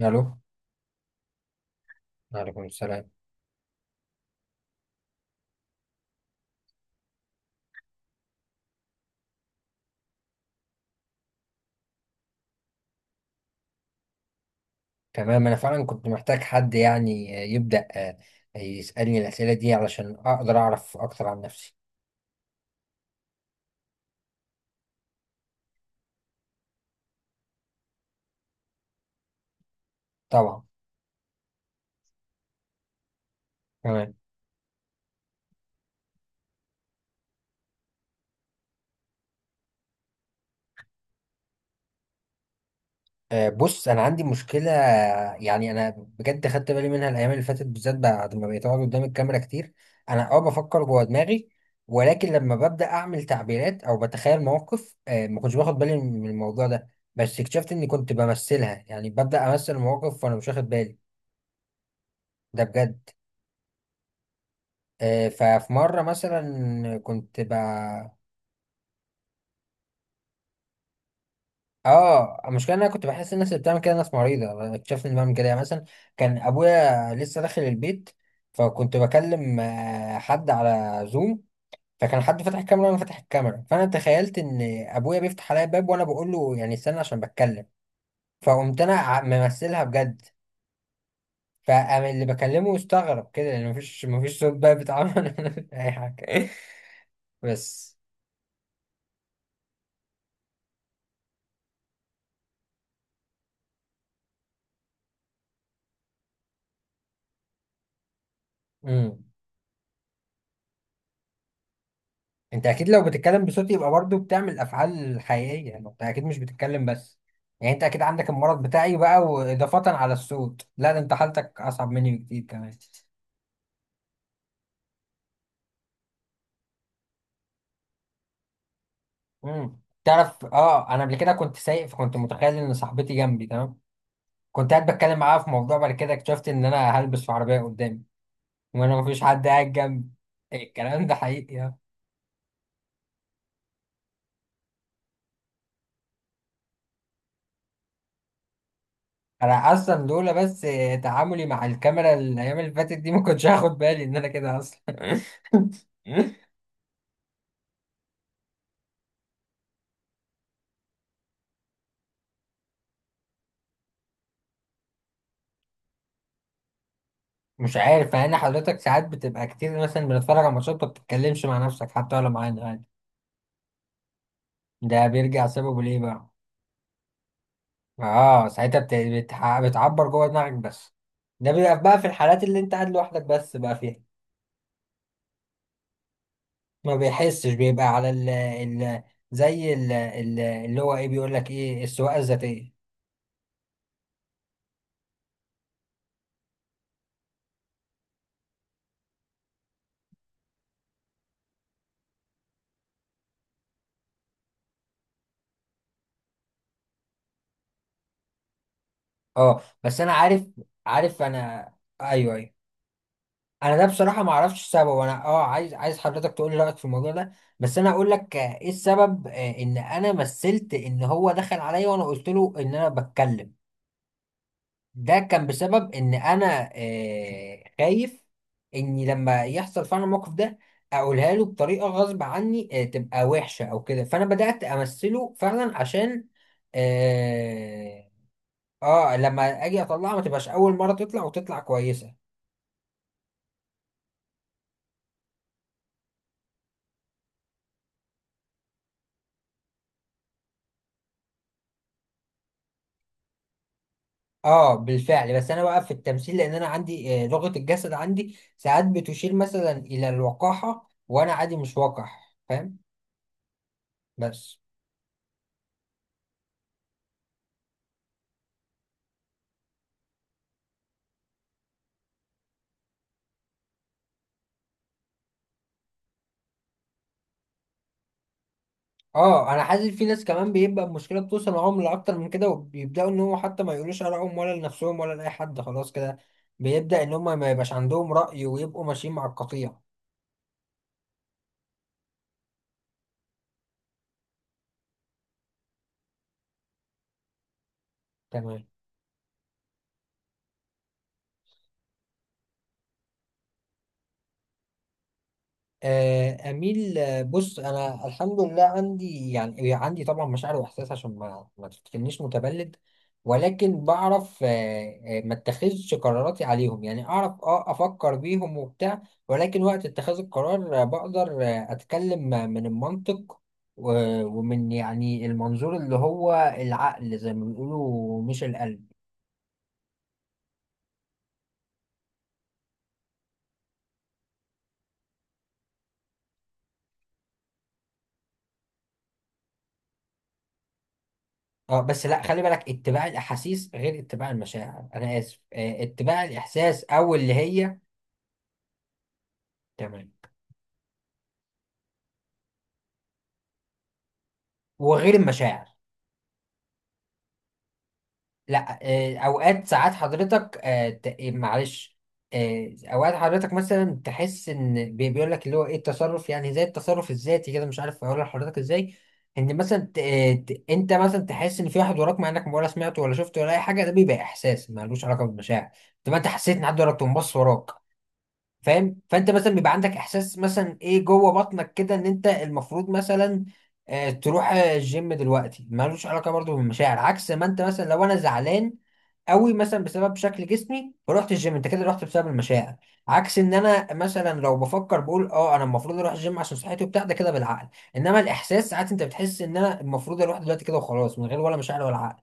الو. وعليكم السلام. تمام، انا فعلا كنت محتاج حد يعني، يبدا يسالني الاسئله دي علشان اقدر اعرف اكتر عن نفسي. طبعا. تمام. بص انا عندي مشكله، يعني انا بجد خدت بالي منها الايام اللي فاتت، بالذات بعد ما بقيت اقعد قدام الكاميرا كتير. انا بفكر جوه دماغي، ولكن لما ببدا اعمل تعبيرات او بتخيل مواقف، ما كنتش باخد بالي من الموضوع ده. بس اكتشفت اني كنت بمثلها، يعني ببدا امثل مواقف وانا مش واخد بالي. ده بجد. ففي مرة مثلا كنت ب اه المشكلة ان انا كنت بحس الناس اللي بتعمل كده ناس مريضة. اكتشفت اني بعمل كده، يعني مثلا كان ابويا لسه داخل البيت، فكنت بكلم حد على زوم. فكان حد فاتح الكاميرا وانا فاتح الكاميرا، فانا تخيلت ان ابويا بيفتح عليا الباب وانا بقول له يعني استنى عشان بتكلم. فقمت انا ممثلها بجد. فقام اللي بكلمه استغرب كده لان مفيش صوت بقى بيتعمل. اي حاجة بس. مم. انت اكيد لو بتتكلم بصوت يبقى برضو بتعمل افعال حقيقيه، يعني انت اكيد مش بتتكلم بس، يعني انت اكيد عندك المرض بتاعي بقى واضافه على الصوت، لا ده انت حالتك اصعب مني بكتير كمان. تعرف، اه انا قبل كده كنت سايق، فكنت متخيل ان صاحبتي جنبي تمام. كنت قاعد بتكلم معاها في موضوع، بعد كده اكتشفت ان انا هلبس في عربيه قدامي، وانا مفيش حد قاعد جنبي. إيه، الكلام ده حقيقي، اه. انا اصلا لولا بس تعاملي مع الكاميرا الايام اللي فاتت دي ما كنتش هاخد بالي ان انا كده اصلا. مش عارف، مع ان حضرتك ساعات بتبقى كتير مثلا بنتفرج على ماتشات ما بتتكلمش مع نفسك حتى ولا معانا عادي، ده بيرجع سببه ليه بقى؟ اه، ساعتها بتعبر جوه دماغك بس. ده بيبقى بقى في الحالات اللي انت قاعد لوحدك بس بقى فيها. ما بيحسش بيبقى على زي اللي هو ايه بيقول لك ايه السواقه الذاتيه. اه، بس انا عارف انا. ايوه ايوه، انا ده بصراحه ما اعرفش السبب. انا عايز حضرتك تقول لي رايك في الموضوع ده. بس انا اقول لك، ايه السبب، ان انا مثلت ان هو دخل عليا وانا قلت له ان انا بتكلم. ده كان بسبب ان انا خايف اني لما يحصل فعلا الموقف ده اقولها له بطريقه غصب عني، تبقى وحشه او كده، فانا بدات امثله فعلا عشان اه لما اجي اطلعها ما تبقاش اول مره، تطلع وتطلع كويسه. اه بالفعل. بس انا بقى في التمثيل لان انا عندي لغة الجسد عندي ساعات بتشير مثلا الى الوقاحة وانا عادي مش وقح، فاهم. بس اه انا حاسس في ناس كمان بيبقى المشكلة بتوصل معاهم لاكتر من كده، وبيبداوا ان هو حتى ما يقولوش ارائهم ولا لنفسهم ولا لاي حد خلاص كده. بيبدا ان هم ما يبقاش عندهم رأي ويبقوا ماشيين مع القطيع. تمام. أميل. بص أنا الحمد لله عندي يعني، عندي طبعا مشاعر وإحساس عشان ما تفتكرنيش متبلد. ولكن بعرف ما اتخذش قراراتي عليهم، يعني أعرف أفكر بيهم وبتاع. ولكن وقت اتخاذ القرار، بقدر، أتكلم، من المنطق ومن يعني المنظور اللي هو العقل زي ما بيقولوا، مش القلب. اه بس لا، خلي بالك، اتباع الأحاسيس غير اتباع المشاعر، أنا آسف، اتباع الإحساس أو اللي هي تمام، وغير المشاعر. لا اوقات، ساعات حضرتك إيه، معلش. اوقات حضرتك مثلا تحس ان بيقول لك اللي هو ايه التصرف، يعني زي التصرف الذاتي كده، مش عارف اقول لحضرتك ازاي. ان مثلا انت مثلا تحس ان في واحد وراك مع انك ولا سمعته ولا شفته ولا اي حاجه، ده بيبقى احساس ملوش علاقه بالمشاعر. طب ما انت حسيت ان حد وراك تقوم بص وراك، فاهم. فانت مثلا بيبقى عندك احساس مثلا ايه جوه بطنك كده ان انت المفروض مثلا تروح الجيم دلوقتي، ملوش علاقه برضو بالمشاعر. عكس ما انت مثلا لو انا زعلان قوي مثلا بسبب شكل جسمي فروحت الجيم، انت كده رحت بسبب المشاعر. عكس ان انا مثلا لو بفكر بقول اه انا المفروض اروح الجيم عشان صحتي وبتاع، ده كده بالعقل. انما الاحساس ساعات انت بتحس ان انا المفروض اروح دلوقتي كده وخلاص، من غير ولا مشاعر ولا عقل.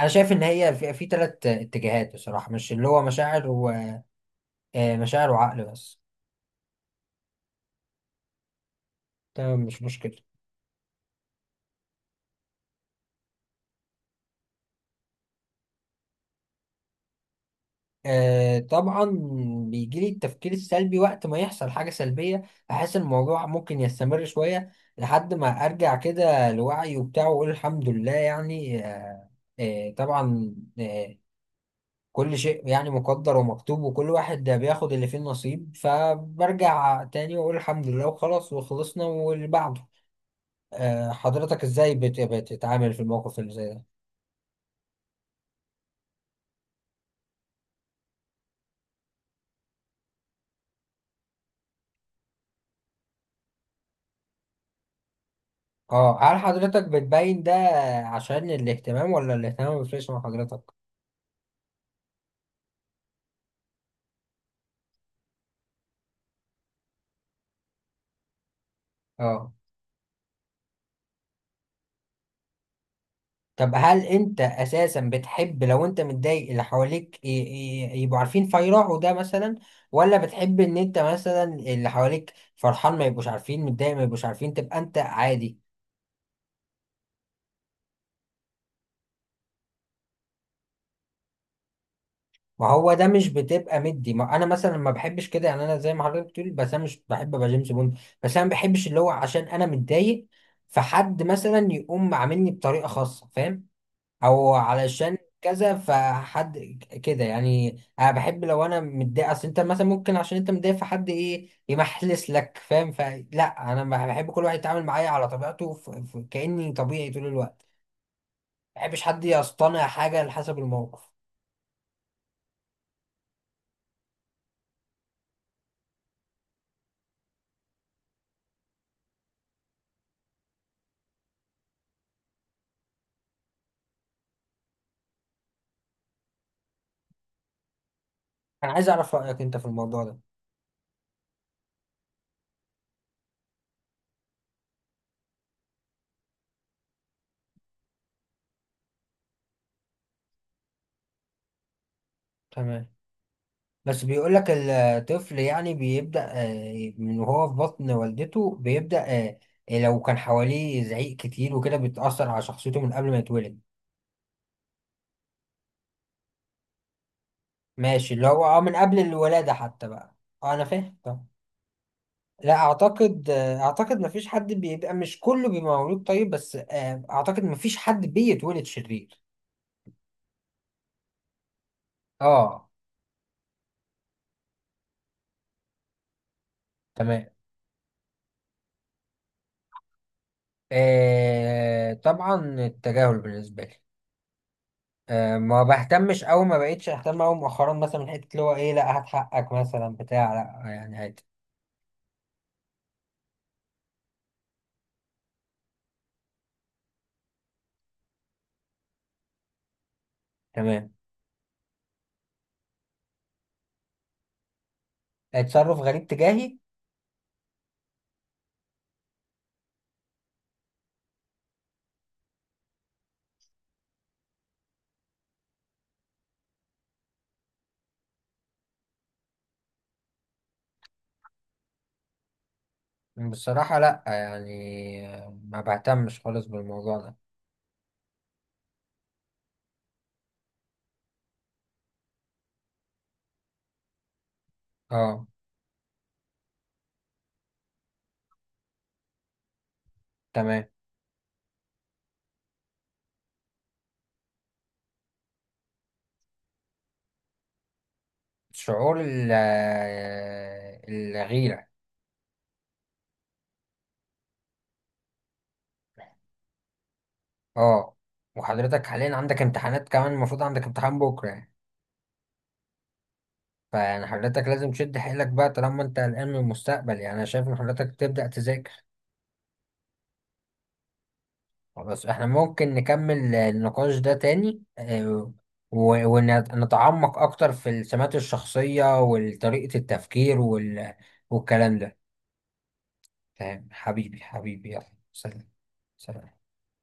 انا شايف ان هي في ثلاث اتجاهات بصراحه، مش اللي هو مشاعر ومشاعر وعقل بس. تمام، مش مشكلة. آه طبعا بيجي لي التفكير السلبي وقت ما يحصل حاجة سلبية، أحس الموضوع ممكن يستمر شوية لحد ما أرجع كده لوعي وبتاع وأقول الحمد لله. يعني طبعا كل شيء يعني مقدر ومكتوب، وكل واحد ده بياخد اللي فيه النصيب، فبرجع تاني وأقول الحمد لله وخلاص وخلصنا واللي بعده. حضرتك إزاي بتتعامل في الموقف اللي زي ده؟ اه، هل حضرتك بتبين ده عشان الاهتمام، ولا الاهتمام ما بيفرقش مع حضرتك؟ اه، طب هل انت اساسا بتحب لو انت متضايق اللي حواليك يبقوا عارفين فيروحوا ده مثلا، ولا بتحب ان انت مثلا اللي حواليك فرحان ما يبقوش عارفين، متضايق ما يبقوش عارفين، تبقى انت عادي؟ ما هو ده مش بتبقى مدي، ما انا مثلا ما بحبش كده، يعني انا زي ما حضرتك بتقول، بس انا مش بحب ابقى جيمس بوند. بس انا ما بحبش اللي هو عشان انا متضايق فحد مثلا يقوم عاملني بطريقة خاصة، فاهم، او علشان كذا فحد كده. يعني انا بحب لو انا متضايق، اصل انت مثلا ممكن عشان انت متضايق فحد ايه يمحلس لك، فاهم، فلا انا بحب كل واحد يتعامل معايا على طبيعته كاني طبيعي طول الوقت. ما بحبش حد يصطنع حاجه على حسب الموقف. انا عايز اعرف رايك انت في الموضوع ده. تمام، بس بيقول لك الطفل يعني بيبدا من وهو في بطن والدته بيبدا، آه، لو كان حواليه زعيق كتير وكده بتاثر على شخصيته من قبل ما يتولد. ماشي، اللي هو من قبل الولادة حتى بقى. اه انا فاهم، طب. لا، اعتقد مفيش حد بيبقى، مش كله بيبقى مولود طيب، بس اعتقد مفيش حد بيتولد شرير. اه. تمام. آه طبعا التجاهل بالنسبة لي آه ما بهتمش او ما بقتش اهتم او مؤخرا، مثلا من حتة اللي هو ايه لا هات حقك مثلا بتاع، لا يعني عادي. تمام. تصرف غريب تجاهي؟ بصراحة لا، يعني ما بهتمش خالص بالموضوع ده. اه. تمام. شعور الغيرة. اه. وحضرتك حاليا عندك امتحانات كمان، المفروض عندك امتحان بكرة يعني، فيعني حضرتك لازم تشد حيلك بقى، طالما انت قلقان من المستقبل يعني، انا شايف ان حضرتك تبدأ تذاكر. خلاص، احنا ممكن نكمل النقاش ده تاني، ونتعمق اكتر في السمات الشخصية وطريقة التفكير والكلام ده. تمام، حبيبي حبيبي، يلا سلام. سلام.